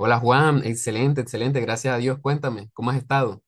Hola Juan, excelente, excelente, gracias a Dios. Cuéntame, ¿cómo has estado?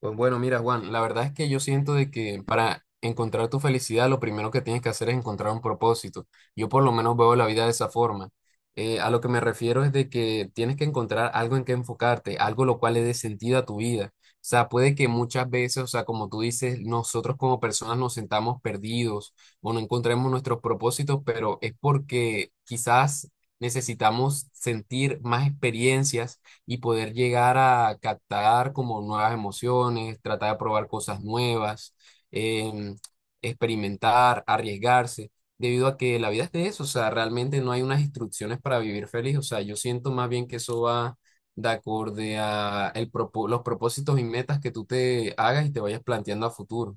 Pues bueno, mira, Juan, la verdad es que yo siento de que para encontrar tu felicidad lo primero que tienes que hacer es encontrar un propósito. Yo por lo menos veo la vida de esa forma. A lo que me refiero es de que tienes que encontrar algo en que enfocarte, algo lo cual le dé sentido a tu vida. O sea, puede que muchas veces, o sea, como tú dices, nosotros como personas nos sentamos perdidos o no encontremos nuestros propósitos, pero es porque quizás necesitamos sentir más experiencias y poder llegar a captar como nuevas emociones, tratar de probar cosas nuevas, em, experimentar, arriesgarse, debido a que la vida es de eso, o sea, realmente no hay unas instrucciones para vivir feliz, o sea, yo siento más bien que eso va de acorde a el los propósitos y metas que tú te hagas y te vayas planteando a futuro.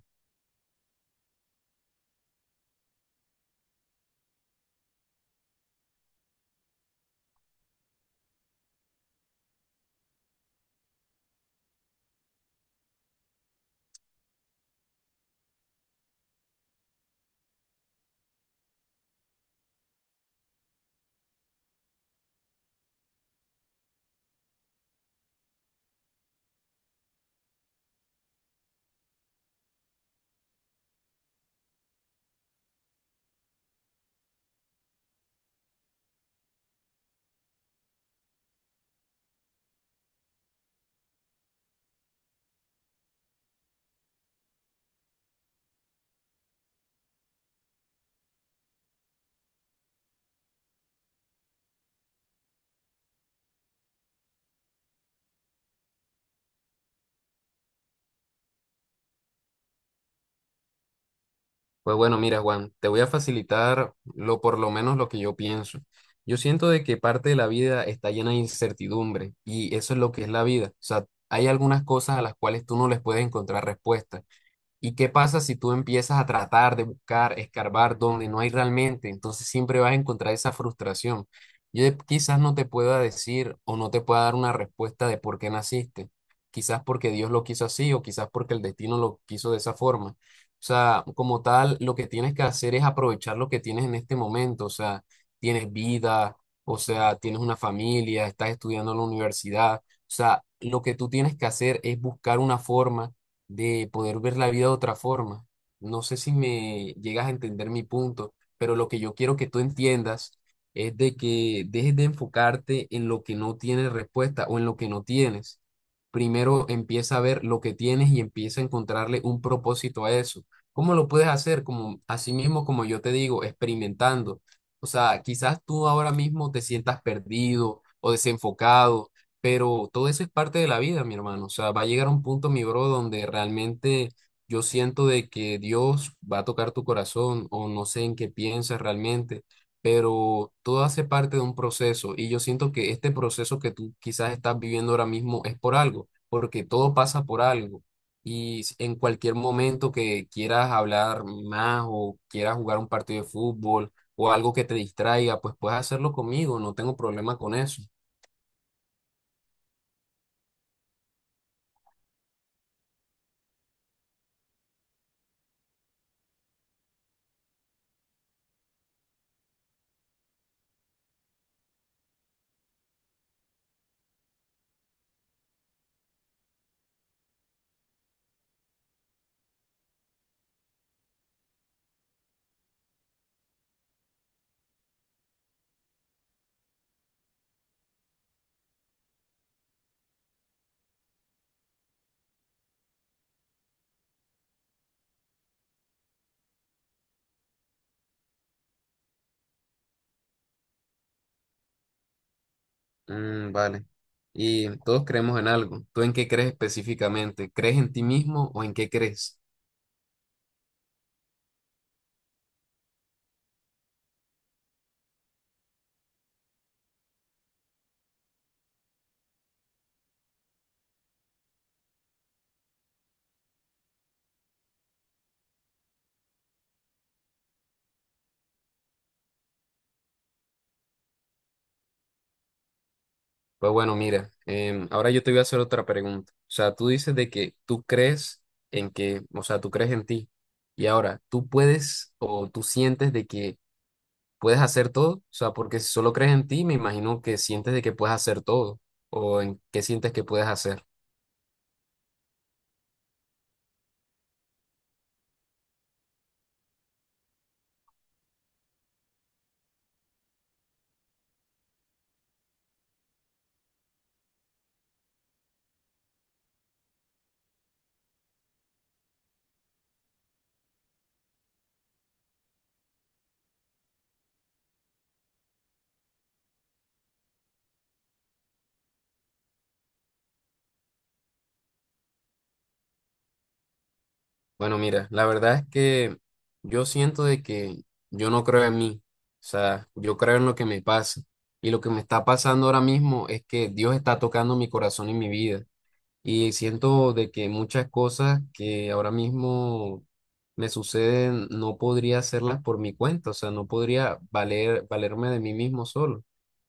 Pues bueno, mira, Juan, te voy a facilitar lo por lo menos lo que yo pienso. Yo siento de que parte de la vida está llena de incertidumbre y eso es lo que es la vida. O sea, hay algunas cosas a las cuales tú no les puedes encontrar respuesta. ¿Y qué pasa si tú empiezas a tratar de buscar, escarbar donde no hay realmente? Entonces siempre vas a encontrar esa frustración. Quizás no te pueda decir o no te pueda dar una respuesta de por qué naciste. Quizás porque Dios lo quiso así o quizás porque el destino lo quiso de esa forma. O sea, como tal, lo que tienes que hacer es aprovechar lo que tienes en este momento. O sea, tienes vida, o sea, tienes una familia, estás estudiando en la universidad. O sea, lo que tú tienes que hacer es buscar una forma de poder ver la vida de otra forma. No sé si me llegas a entender mi punto, pero lo que yo quiero que tú entiendas es de que dejes de enfocarte en lo que no tienes respuesta o en lo que no tienes. Primero empieza a ver lo que tienes y empieza a encontrarle un propósito a eso. ¿Cómo lo puedes hacer? Como así mismo, como yo te digo, experimentando. O sea, quizás tú ahora mismo te sientas perdido o desenfocado pero todo eso es parte de la vida, mi hermano. O sea, va a llegar un punto, mi bro, donde realmente yo siento de que Dios va a tocar tu corazón o no sé en qué piensas realmente, pero todo hace parte de un proceso y yo siento que este proceso que tú quizás estás viviendo ahora mismo es por algo, porque todo pasa por algo. En cualquier momento que quieras hablar más o quieras jugar un partido de fútbol o algo que te distraiga, pues puedes hacerlo conmigo, no tengo problema con eso. Mm, vale. Y todos creemos en algo. ¿Tú en qué crees específicamente? ¿Crees en ti mismo o en qué crees? Pues bueno, mira, ahora yo te voy a hacer otra pregunta. O sea, tú dices de que tú crees en que, o sea, tú crees en ti. Y ahora, ¿tú puedes o tú sientes de que puedes hacer todo? O sea, porque si solo crees en ti, me imagino que sientes de que puedes hacer todo. ¿O en qué sientes que puedes hacer? Bueno, mira, la verdad es que yo siento de que yo no creo en mí, o sea, yo creo en lo que me pasa y lo que me está pasando ahora mismo es que Dios está tocando mi corazón y mi vida y siento de que muchas cosas que ahora mismo me suceden no podría hacerlas por mi cuenta, o sea, no podría valer, valerme de mí mismo solo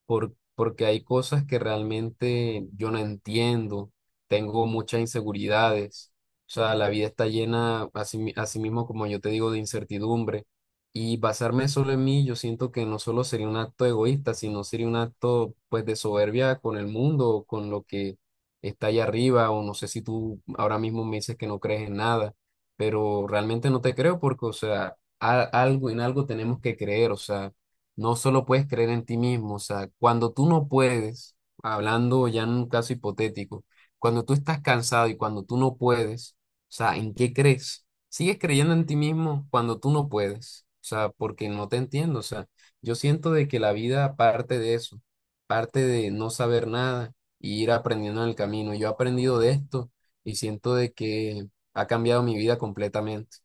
porque hay cosas que realmente yo no entiendo, tengo muchas inseguridades, o sea, la vida está llena, así, así mismo como yo te digo, de incertidumbre, y basarme solo en mí, yo siento que no solo sería un acto egoísta, sino sería un acto, pues, de soberbia con el mundo, o con lo que está allá arriba, o no sé si tú ahora mismo me dices que no crees en nada, pero realmente no te creo porque, o sea, algo, en algo tenemos que creer, o sea no solo puedes creer en ti mismo, o sea, cuando tú no puedes, hablando ya en un caso hipotético, cuando tú estás cansado y cuando tú no puedes, o sea, ¿en qué crees? ¿Sigues creyendo en ti mismo cuando tú no puedes? O sea, porque no te entiendo, o sea, yo siento de que la vida parte de eso, parte de no saber nada y ir aprendiendo en el camino. Yo he aprendido de esto y siento de que ha cambiado mi vida completamente.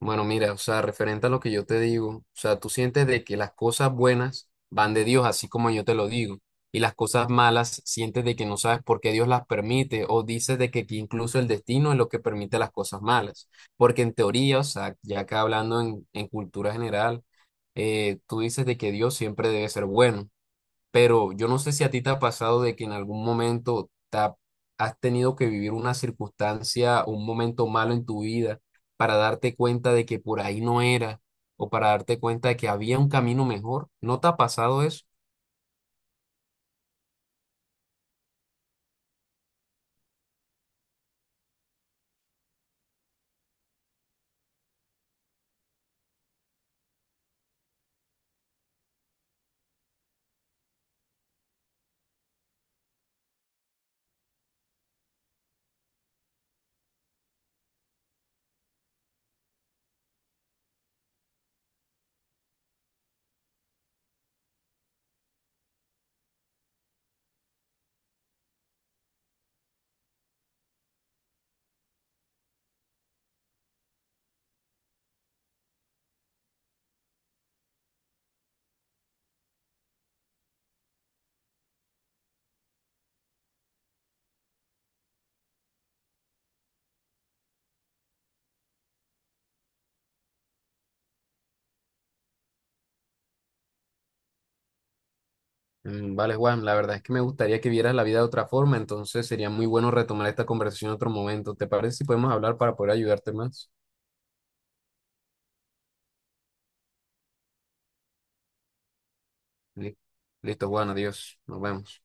Bueno, mira, o sea, referente a lo que yo te digo, o sea, tú sientes de que las cosas buenas van de Dios, así como yo te lo digo, y las cosas malas sientes de que no sabes por qué Dios las permite, o dices de que incluso el destino es lo que permite las cosas malas, porque en teoría, o sea, ya acá hablando en cultura general, tú dices de que Dios siempre debe ser bueno. Pero yo no sé si a ti te ha pasado de que en algún momento has tenido que vivir una circunstancia, un momento malo en tu vida para darte cuenta de que por ahí no era o para darte cuenta de que había un camino mejor. ¿No te ha pasado eso? Mm, vale, Juan, la verdad es que me gustaría que vieras la vida de otra forma, entonces sería muy bueno retomar esta conversación en otro momento. ¿Te parece si podemos hablar para poder ayudarte más? Li- Listo, Juan, adiós, nos vemos.